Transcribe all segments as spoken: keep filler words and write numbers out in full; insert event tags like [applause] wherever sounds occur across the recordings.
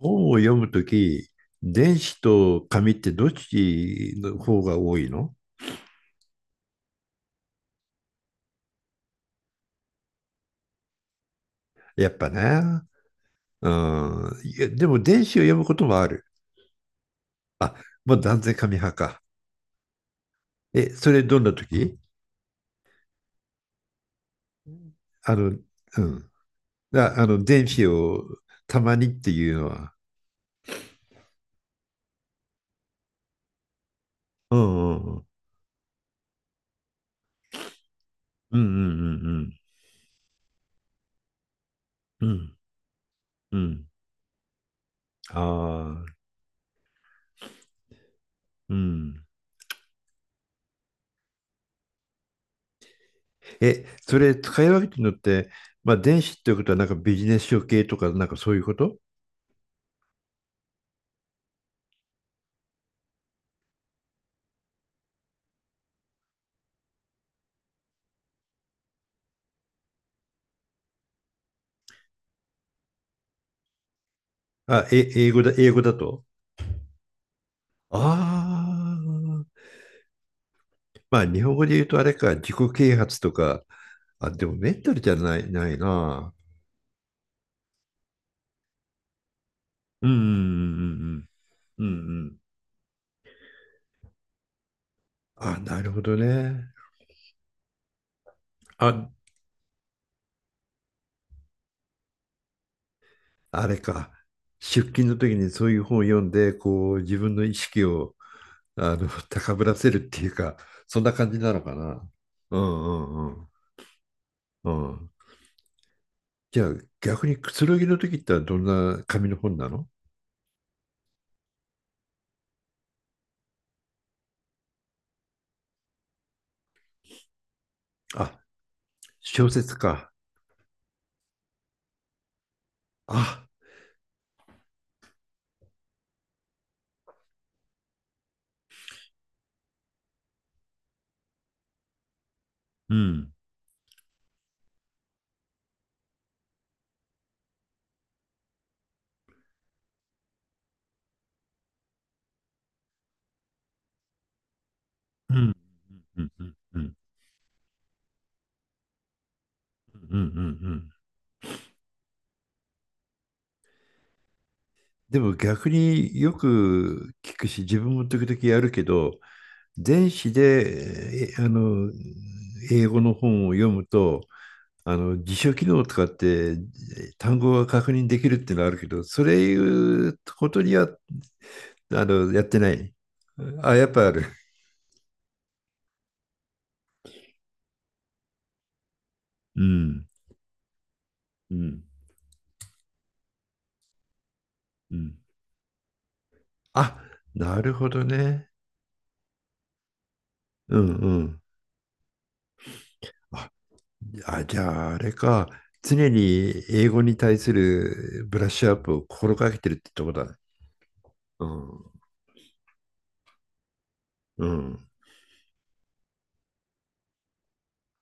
本を読むとき、電子と紙ってどっちの方が多いの？やっぱね。うん。いや、でも電子を読むこともある。あ、もう断然紙派か。え、それどんなとき？あの、うん。あ、あの、電子をたまにっていうのは？うんうんうん。うんうんうんうん。うんうん。ああ、うんうん。ああ。うん。え、それ使い分けてるのって、まあ電子っていうことはなんかビジネス書系とかなんかそういうこと？あ、え、英語だ、英語だと。ああ。まあ日本語で言うとあれか、自己啓発とか、あ、でもメンタルじゃない、ないな。うんうんうんうんうんうんうん。あ、なるほどね。あ、あれか。出勤の時にそういう本を読んで、こう自分の意識をあの [laughs] 高ぶらせるっていうか、そんな感じなのかな。うんうんうん。うん。じゃあ逆にくつろぎの時ってどんな紙の本なの？あ、小説か。あ、うん。うん。うん。うん。うん。うん。うん。でも逆によく聞くし、自分も時々やるけど、電子で、えあの、英語の本を読むと、あの、辞書機能を使って単語が確認できるっていうのはあるけど、それいうことには、あの、やってない。あ、やっぱある？うん。うん。うん。あ、なるほどね。うんうん。あ、じゃあ、あれか。常に英語に対するブラッシュアップを心がけてるってとこだね。うん。うん。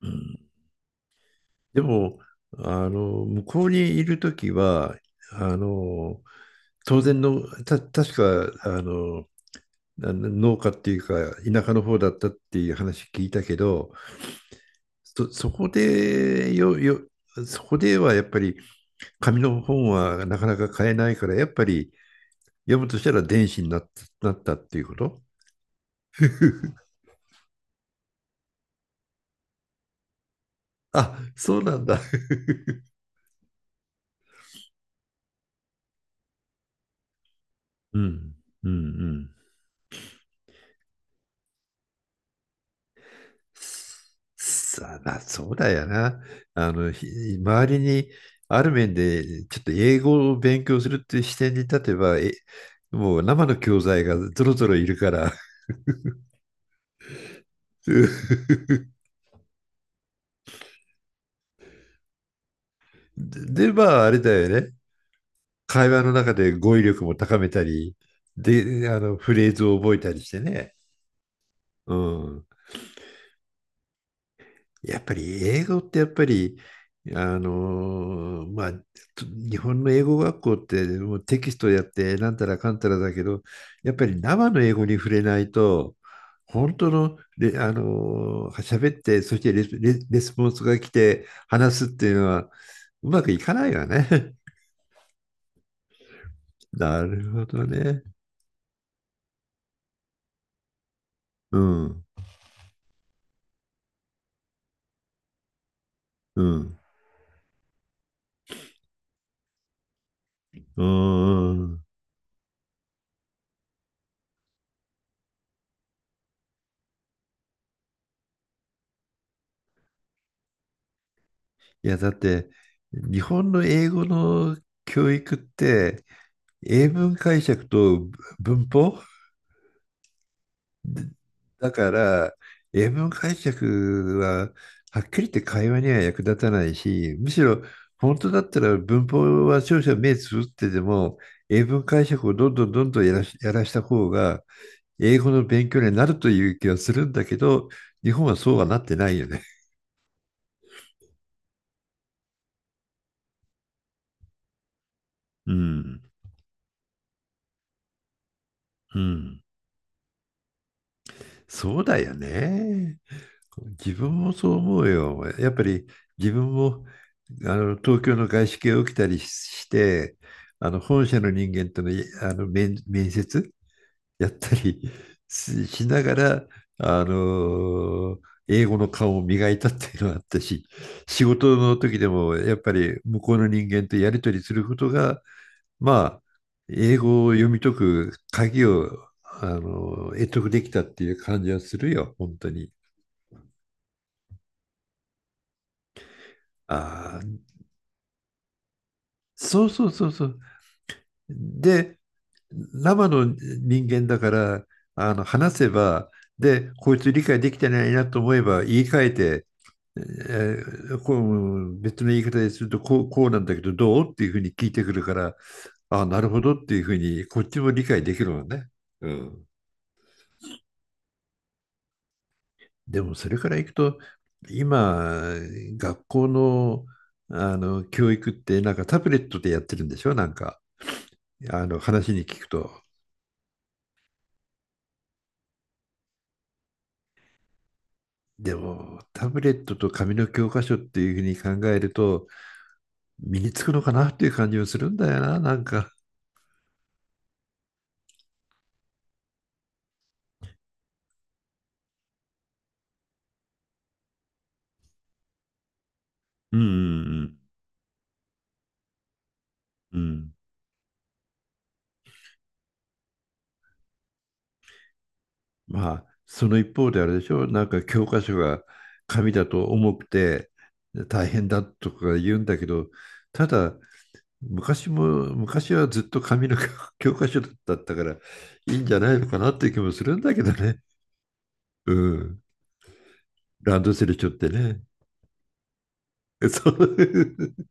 うん。でも、あの、向こうにいるときは、あの、当然の、た、確か、あの、あの農家っていうか、田舎の方だったっていう話聞いたけど、そ、そこでよ、よ、そこではやっぱり紙の本はなかなか買えないから、やっぱり読むとしたら電子になっなったっていうこと [laughs] あ、そうなんだ。うん。うんうん。さあ、そうだよな。あの、ひ周りにある面でちょっと英語を勉強するっていう視点に立てば、え、もう生の教材がぞろぞろいるから。[laughs] で、でまあ、あれだよね。会話の中で語彙力も高めたり、で、あの、フレーズを覚えたりしてね。うん。やっぱり英語ってやっぱり、あのーまあ、と日本の英語学校ってもうテキストやってなんたらかんたらだけど、やっぱり生の英語に触れないと、本当のレ、れあのー喋って、そしてレス、レレスポンスが来て話すっていうのはうまくいかないわね。[laughs] なるほどね。うん、うん、うん。うん。いや、だって、日本の英語の教育って、英文解釈と文法で。だから、英文解釈ははっきり言って会話には役立たないし、むしろ本当だったら文法は少々目つぶってでも、英文解釈をどんどんどんどんやらし、やらした方が、英語の勉強になるという気がするんだけど、日本はそうはなってないよね。うん。うん。そうだよね。自分もそう思うよ。やっぱり自分もあの東京の外資系を受けたりして、あの本社の人間との、あの面、面接やったり [laughs] ししながら、あの英語の顔を磨いたっていうのがあったし、仕事の時でもやっぱり向こうの人間とやり取りすることが、まあ、英語を読み解く鍵を、あの、得得できたっていう感じはするよ、本当に。ああ、そうそうそうそう。で、生の人間だから、あの話せば、で、こいつ理解できてないなと思えば言い換えて、えーこう別の言い方でするとこう、こうなんだけどどうっていうふうに聞いてくるから、あ、なるほどっていうふうにこっちも理解できるわね。うん、でもそれからいくと、今、学校の、あの教育ってなんかタブレットでやってるんでしょなんか、あの話に聞くと。でも、タブレットと紙の教科書っていうふうに考えると、身につくのかなっていう感じもするんだよな、なんか。うんうんうんうん。まあ、その一方であれでしょ、なんか教科書が紙だと重くて大変だとか言うんだけど、ただ、昔も、昔はずっと紙の [laughs] 教科書だったから、いいんじゃないのかなっていう気もするんだけどね。うん。ランドセルしょってね。[laughs] そう。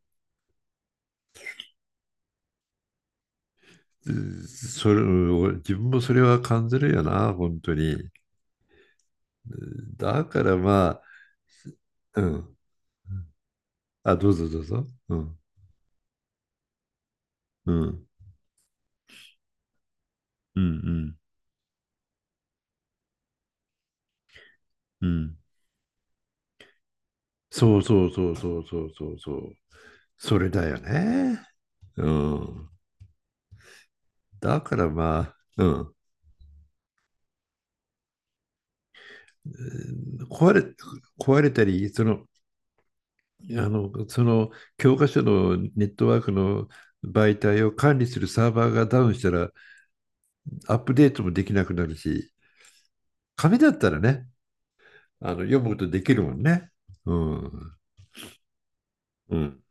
うん。それ、自分もそれは感じるよな、本当に。うん。だからまあ、うん。あ、どうぞどうぞ。うん。うん。うん。うん。うん。そうそうそうそうそうそうそう。それだよね。うん。だからまあ、うん。えー壊れ、壊れたり、その、あの、その教科書のネットワークの媒体を管理するサーバーがダウンしたらアップデートもできなくなるし、紙だったらね、あの読むことできるもんね。うんうん。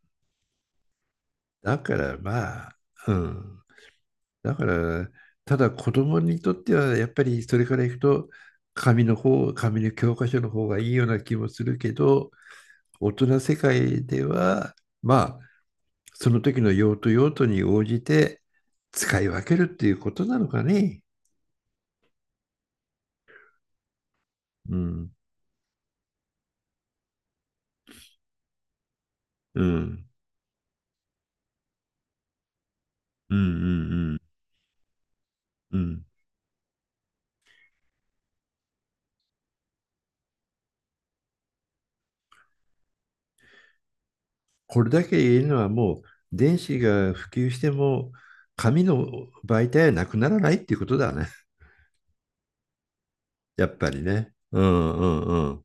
だからまあ、うん。だから、ただ子供にとってはやっぱりそれからいくと、紙の方、紙の教科書の方がいいような気もするけど、大人世界では、まあ、その時の用途用途に応じて使い分けるっていうことなのかね。うん。うん。うんうんうん。うん。これだけ言えるのはもう電子が普及しても紙の媒体はなくならないっていうことだね。やっぱりね。うんうんうん。